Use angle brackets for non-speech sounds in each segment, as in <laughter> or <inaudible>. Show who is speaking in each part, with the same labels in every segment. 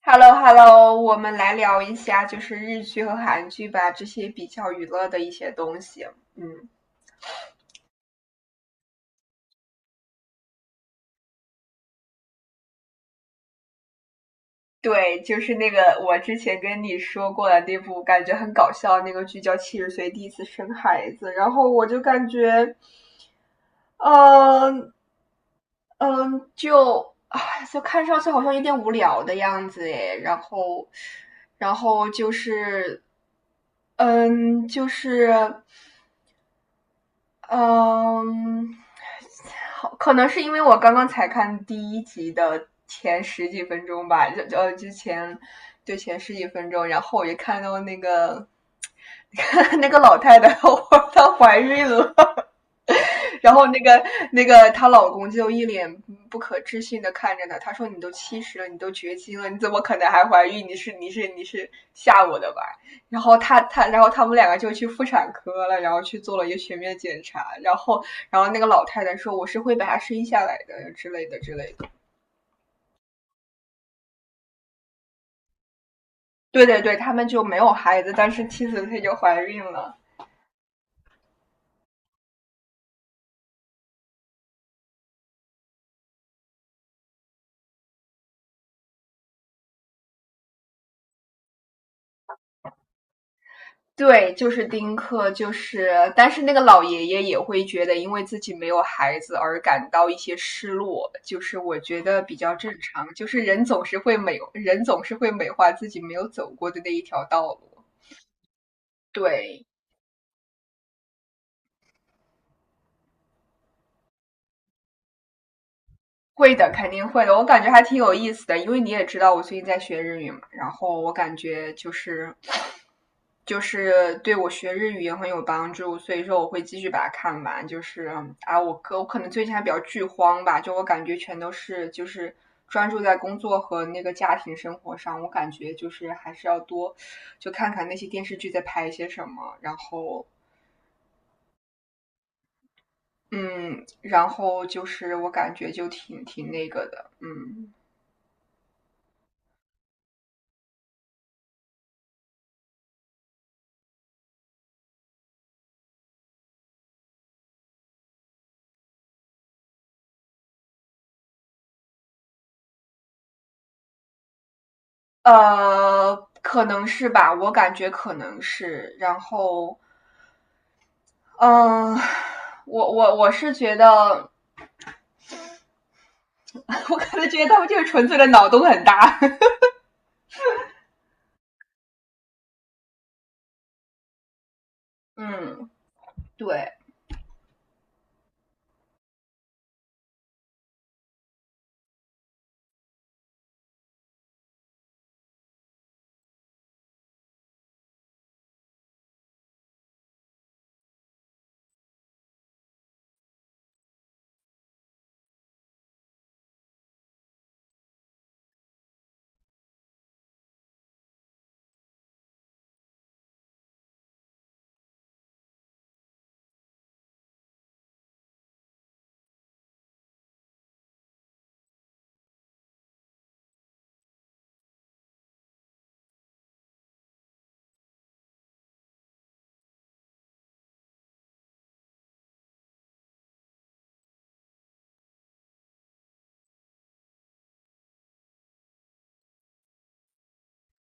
Speaker 1: Hello Hello，我们来聊一下就是日剧和韩剧吧，这些比较娱乐的一些东西。嗯，对，就是那个我之前跟你说过的那部感觉很搞笑的那个剧叫《七十岁第一次生孩子》，然后我就感觉，嗯嗯，就啊，就看上去好像有点无聊的样子诶，然后，然后就是，嗯，就是。嗯，好，可能是因为我刚刚才看第一集的前十几分钟吧，就就呃之前就前十几分钟，然后我就看到那个 <laughs> 那个老太太，我她怀孕了，然后那个她老公就一脸不可置信的看着她，他说：“你都70了，你都绝经了，你怎么可能还怀孕？你是吓我的吧？”然后他们两个就去妇产科了，然后去做了一个全面检查，然后那个老太太说：“我是会把她生下来的之类的之类的。”对对对，他们就没有孩子，但是妻子她就怀孕了。对，就是丁克，就是但是那个老爷爷也会觉得因为自己没有孩子而感到一些失落，就是我觉得比较正常，就是人总是会美，人总是会美化自己没有走过的那一条道路。对，会的，肯定会的。我感觉还挺有意思的，因为你也知道我最近在学日语嘛，然后我感觉就是对我学日语也很有帮助，所以说我会继续把它看完。就是啊，我可能最近还比较剧荒吧，就我感觉全都是就是专注在工作和那个家庭生活上，我感觉就是还是要多就看看那些电视剧在拍一些什么，然后嗯，然后就是我感觉就挺那个的，嗯。呃，可能是吧，我感觉可能是。然后，嗯，我是觉得，<laughs> 我可能觉得他们就是纯粹的脑洞很大。<laughs> 嗯，对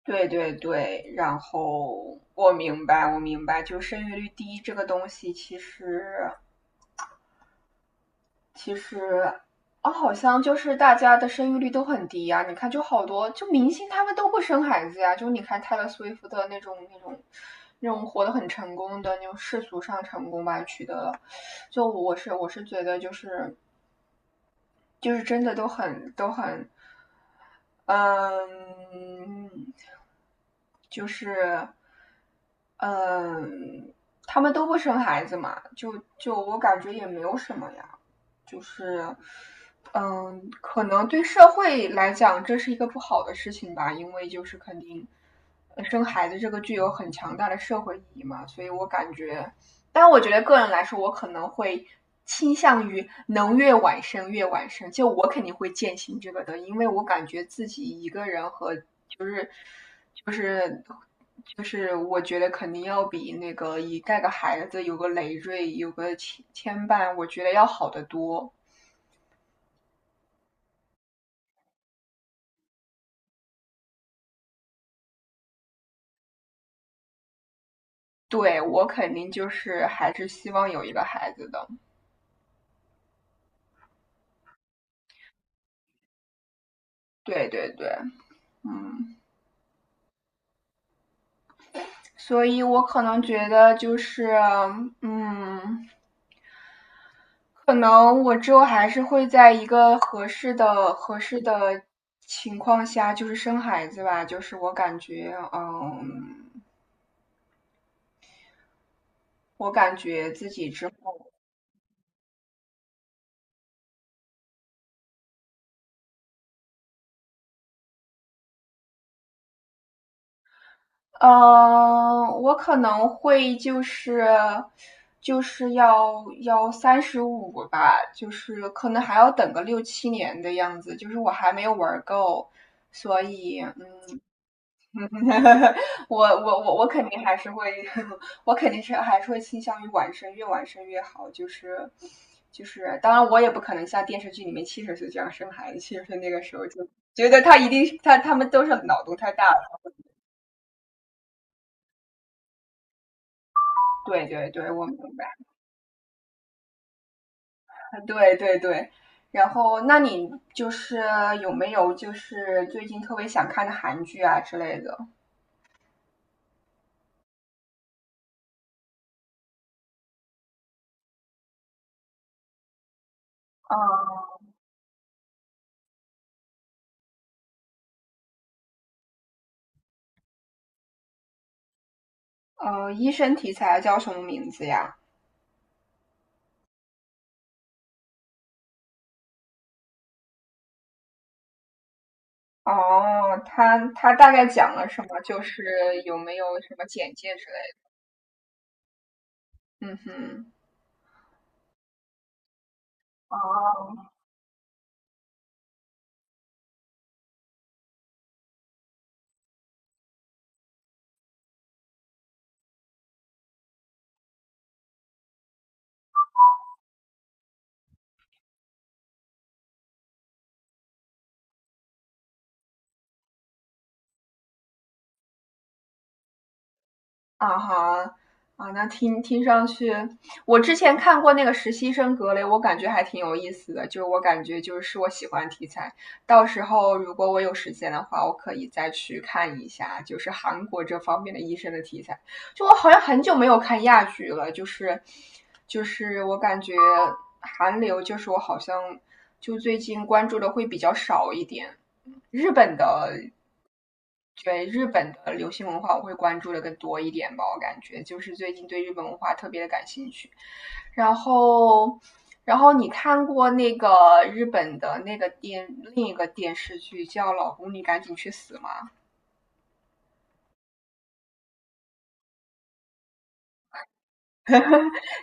Speaker 1: 对对对。然后我明白，我明白，就生育率低这个东西，其实，好像就是大家的生育率都很低呀、你看，就好多就明星他们都不生孩子呀、就你看泰勒·斯威夫特那种活得很成功的那种世俗上成功吧，取得了。就我是觉得就是真的都很嗯，就是，嗯，他们都不生孩子嘛，就我感觉也没有什么呀，就是，可能对社会来讲这是一个不好的事情吧，因为就是肯定，生孩子这个具有很强大的社会意义嘛，所以我感觉，但我觉得个人来说，我可能会倾向于能越晚生越晚生。就我肯定会践行这个的，因为我感觉自己一个人和就是就是，我觉得肯定要比那个一带个孩子有个累赘有个牵绊，我觉得要好得多。对我肯定就是还是希望有一个孩子的。对对对，嗯，所以我可能觉得就是嗯。可能我之后还是会在一个合适的情况下，就是生孩子吧。就是我感觉，嗯，我感觉自己之后嗯，我可能会就是就是要35吧，就是可能还要等个六七年的样子。就是我还没有玩够，所以嗯，<laughs> 我肯定还是会，<laughs> 我肯定是还是会倾向于晚生，越晚生越好。就是就是，当然我也不可能像电视剧里面七十岁这样生孩子，七十岁那个时候就觉得他一定是他们都是脑洞太大了。对对对，我明白。对对对。然后，那你就是有没有就是最近特别想看的韩剧啊之类的？嗯，呃，医生题材叫什么名字呀？哦，他他大概讲了什么？就是有没有什么简介之类的？嗯哼，哦，啊哈，啊，那听听上去，我之前看过那个实习生格雷，我感觉还挺有意思的，就是我感觉就是是我喜欢的题材。到时候如果我有时间的话，我可以再去看一下，就是韩国这方面的医生的题材。就我好像很久没有看亚剧了，就是就是我感觉韩流就是我好像就最近关注的会比较少一点。日本的对日本的流行文化，我会关注的更多一点吧。我感觉就是最近对日本文化特别的感兴趣。然后，然后你看过那个日本的那个另一个电视剧叫《老公，你赶紧去死》吗？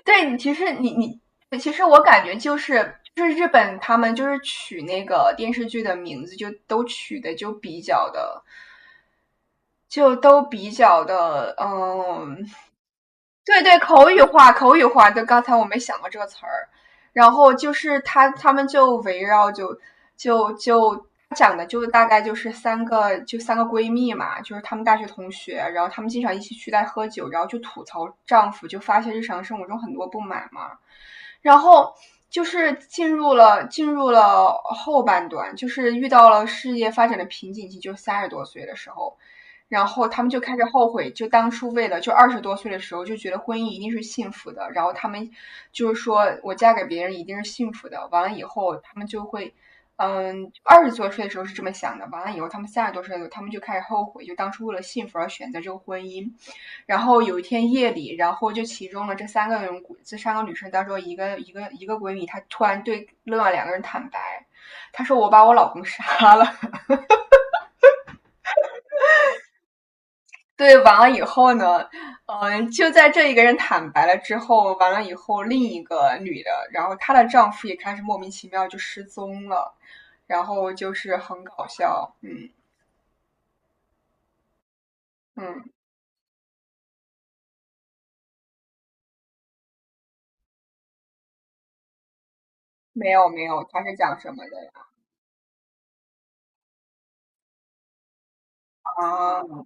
Speaker 1: 对，你其实你你其实我感觉就是日本他们就是取那个电视剧的名字，就都取的就比较的。就都比较的，嗯，对对，口语化，口语化，就刚才我没想过这个词儿。然后就是他们就围绕就讲的就大概就是三个闺蜜嘛，就是她们大学同学，然后她们经常一起去在喝酒，然后就吐槽丈夫，就发泄日常生活中很多不满嘛。然后就是进入了后半段，就是遇到了事业发展的瓶颈期，就三十多岁的时候，然后他们就开始后悔，就当初为了就二十多岁的时候就觉得婚姻一定是幸福的，然后他们就是说我嫁给别人一定是幸福的。完了以后，他们就会，嗯，二十多岁的时候是这么想的，完了以后他们三十多岁的时候，他们就开始后悔，就当初为了幸福而选择这个婚姻。然后有一天夜里，然后就其中的这三个人，这三个女生当中一个闺蜜，她突然对另外两个人坦白，她说我把我老公杀了。对，完了以后呢，就在这一个人坦白了之后，完了以后，另一个女的，然后她的丈夫也开始莫名其妙就失踪了，然后就是很搞笑，嗯嗯，没有没有，他是讲什么的呀？啊，